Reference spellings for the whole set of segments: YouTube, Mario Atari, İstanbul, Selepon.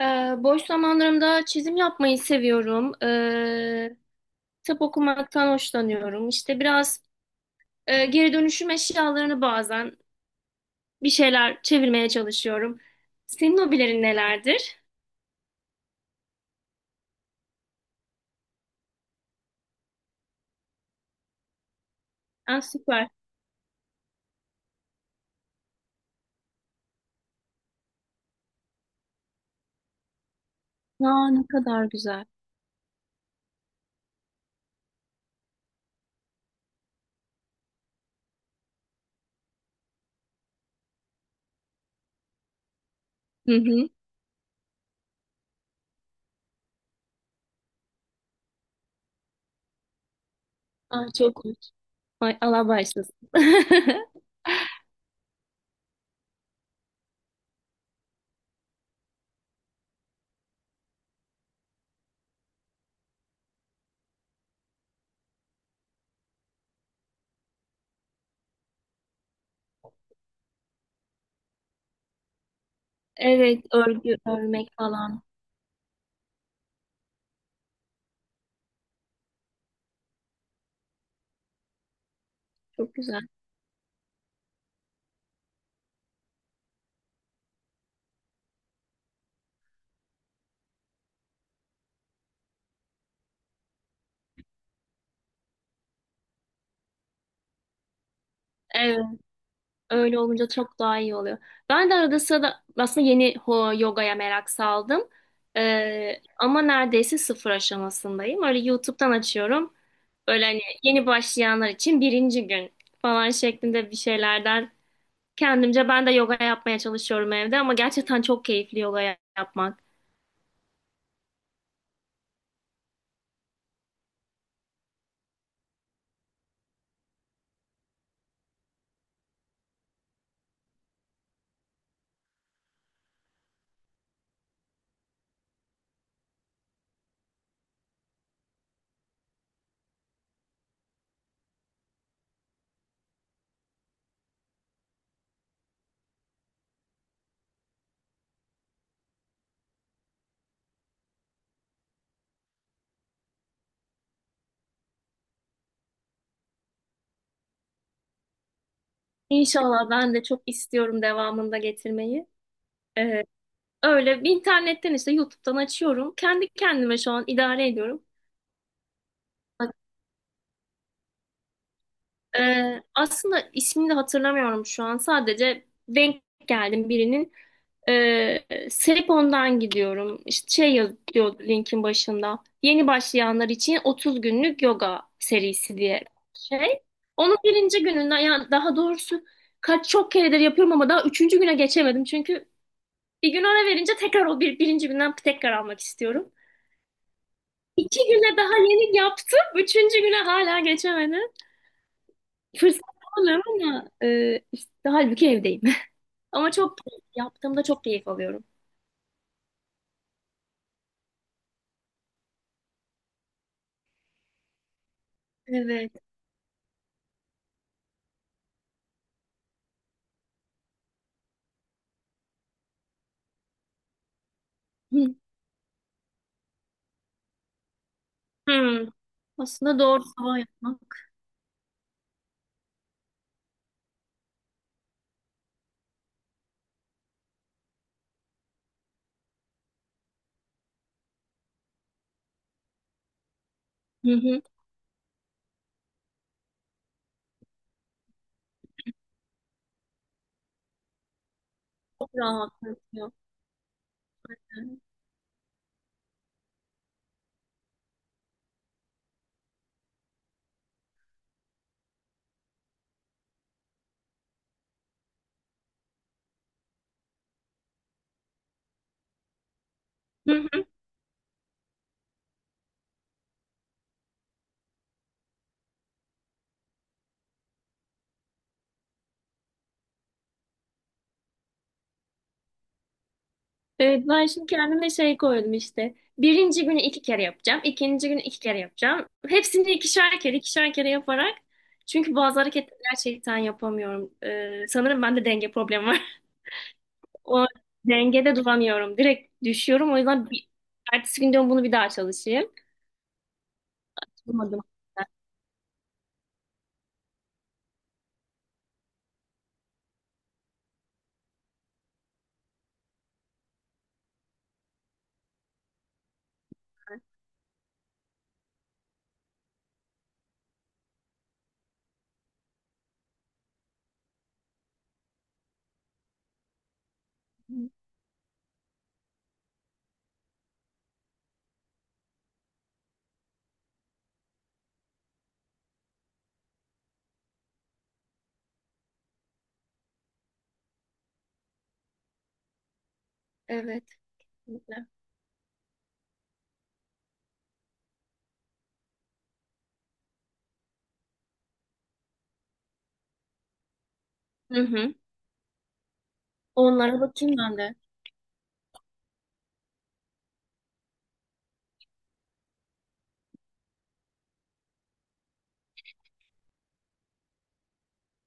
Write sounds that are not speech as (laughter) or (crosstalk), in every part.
Boş zamanlarımda çizim yapmayı seviyorum. Kitap okumaktan hoşlanıyorum. İşte biraz geri dönüşüm eşyalarını bazen bir şeyler çevirmeye çalışıyorum. Senin hobilerin nelerdir? Ah, süper. Aa, ne kadar güzel. Hı hı. Ah, çok hoş. Ay, Allah bağışlasın. (laughs) Evet, örgü örmek falan. Çok güzel. Evet. Öyle olunca çok daha iyi oluyor. Ben de arada sırada aslında yeni yogaya merak saldım. Ama neredeyse sıfır aşamasındayım. Öyle YouTube'dan açıyorum. Böyle hani yeni başlayanlar için birinci gün falan şeklinde bir şeylerden kendimce ben de yoga yapmaya çalışıyorum evde, ama gerçekten çok keyifli yoga yapmak. İnşallah ben de çok istiyorum devamında getirmeyi. Ee, Öyle bir internetten işte YouTube'dan açıyorum. Kendi kendime şu an idare ediyorum. Aslında ismini de hatırlamıyorum şu an. Sadece denk geldim birinin. Selepon'dan gidiyorum. İşte şey yazıyor linkin başında. Yeni başlayanlar için 30 günlük yoga serisi diye şey. Onun birinci gününden, yani daha doğrusu kaç çok keredir yapıyorum ama daha üçüncü güne geçemedim. Çünkü bir gün ara verince tekrar o birinci günden tekrar almak istiyorum. İki güne daha yeni yaptım. Üçüncü güne hala geçemedim. Fırsat bulamıyorum ama işte halbuki evdeyim. (laughs) Ama çok yaptığımda çok keyif alıyorum. Evet. Hı. Hı. Aslında doğru sabah yapmak. Hı hı. Çok rahatlatıyor. Hı hı. Evet, ben şimdi kendime şey koydum işte. Birinci günü iki kere yapacağım. İkinci günü iki kere yapacağım. Hepsini ikişer kere, ikişer kere yaparak. Çünkü bazı hareketleri gerçekten yapamıyorum. Sanırım bende denge problemi var. (laughs) O, dengede duramıyorum. Direkt düşüyorum. O yüzden ertesi gün diyorum bunu bir daha çalışayım. Bulamadım. Evet. Hı hı. Onlara bakayım ben de.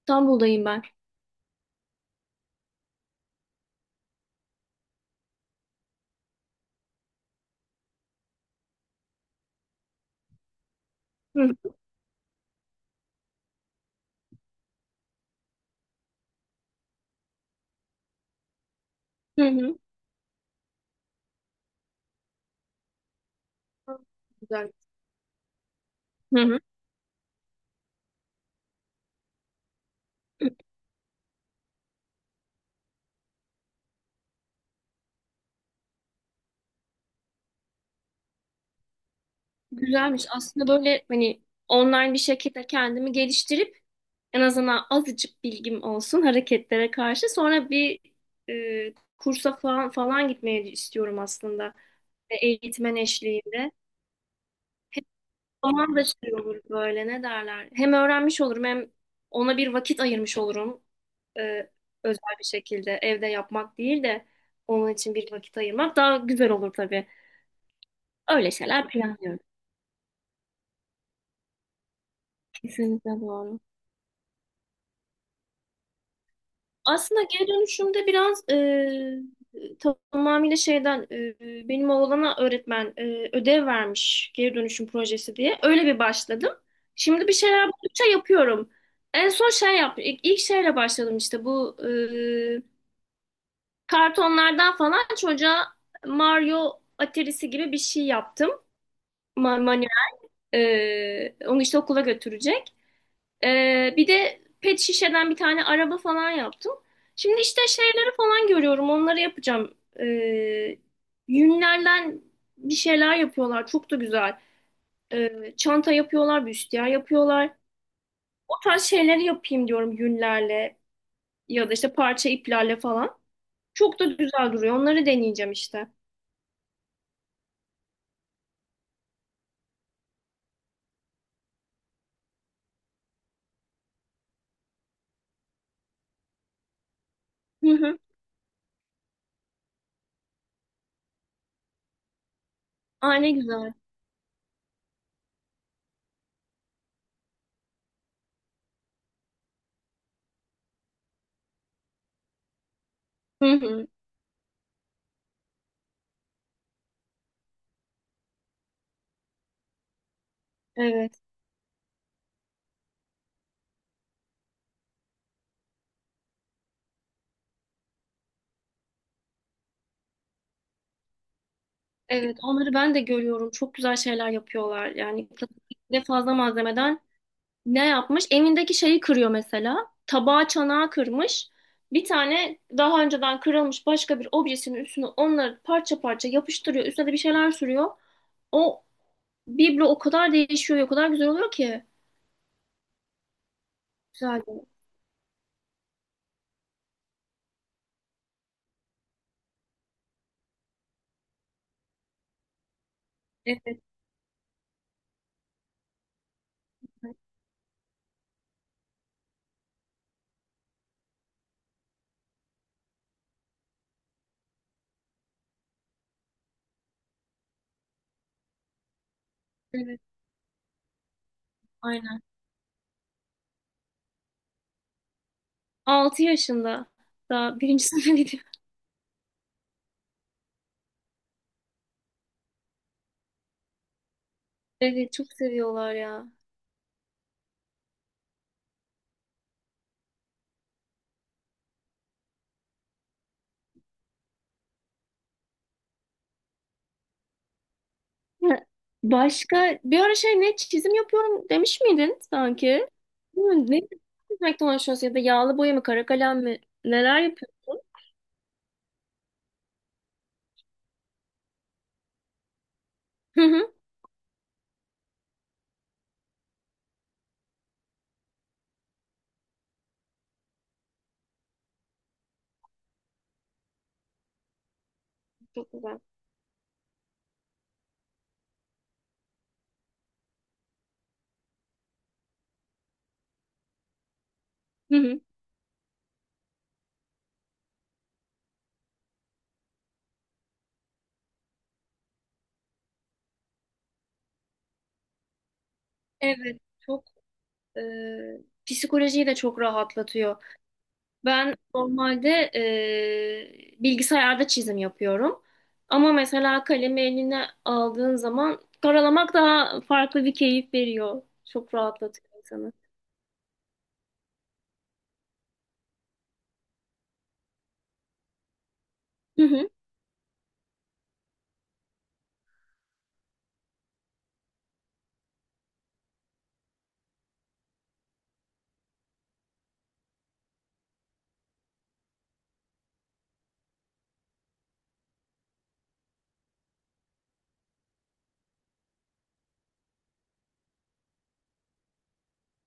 İstanbul'dayım ben. Hı hı. Hı. Hı. Güzel. Hı hı. Güzelmiş. Aslında böyle hani online bir şekilde kendimi geliştirip en azından azıcık bilgim olsun hareketlere karşı. Sonra bir kursa falan falan gitmeyi istiyorum aslında. Eğitmen eşliğinde. Zaman da şey olur böyle, ne derler. Hem öğrenmiş olurum, hem ona bir vakit ayırmış olurum. Ee, Özel bir şekilde evde yapmak değil de onun için bir vakit ayırmak daha güzel olur tabii. Öyle şeyler planlıyorum. Kesinlikle doğru. Aslında geri dönüşümde biraz tamamıyla şeyden, benim oğlana öğretmen ödev vermiş geri dönüşüm projesi diye. Öyle bir başladım. Şimdi bir şeyler buldukça yapıyorum. En son şey yaptım. İlk şeyle başladım, işte bu kartonlardan falan çocuğa Mario Atari'si gibi bir şey yaptım. Manuel. Onu işte okula götürecek. Bir de pet şişeden bir tane araba falan yaptım. Şimdi işte şeyleri falan görüyorum. Onları yapacağım. Yünlerden bir şeyler yapıyorlar. Çok da güzel. Çanta yapıyorlar, büstiyer yapıyorlar. O tarz şeyleri yapayım diyorum yünlerle ya da işte parça iplerle falan. Çok da güzel duruyor. Onları deneyeceğim işte. Hı hı. Ay, ne güzel. Hı hı. Evet. Evet, onları ben de görüyorum. Çok güzel şeyler yapıyorlar. Yani de fazla malzemeden ne yapmış? Evindeki şeyi kırıyor mesela. Tabağı çanağı kırmış. Bir tane daha önceden kırılmış başka bir objesinin üstüne onları parça parça yapıştırıyor. Üstüne de bir şeyler sürüyor. O biblo o kadar değişiyor, o kadar güzel oluyor ki. Güzel. Evet, evet, evet. Aynen. 6 yaşında. Daha birinci (laughs) sınıfa gidiyor. Evet, çok seviyorlar ya. Ha, başka bir ara şey, ne çizim yapıyorum demiş miydin sanki? Değil mi? Ne çizmekten hoşlanıyorsun, ya da yağlı boya mı, kara kalem mi, neler yapıyorsun? Hı hı. Çok güzel. Hı hı. Evet, çok e, psikolojiyi de çok rahatlatıyor. Ben normalde bilgisayarda çizim yapıyorum. Ama mesela kalemi eline aldığın zaman karalamak daha farklı bir keyif veriyor. Çok rahatlatıyor insanı. Hı hı.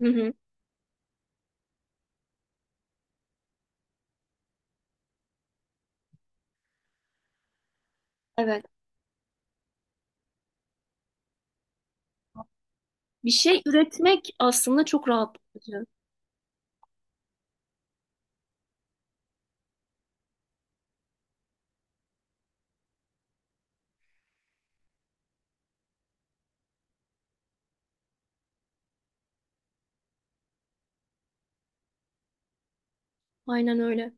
Hı hı. Evet. Bir şey üretmek aslında çok rahatlatıcı. Aynen öyle.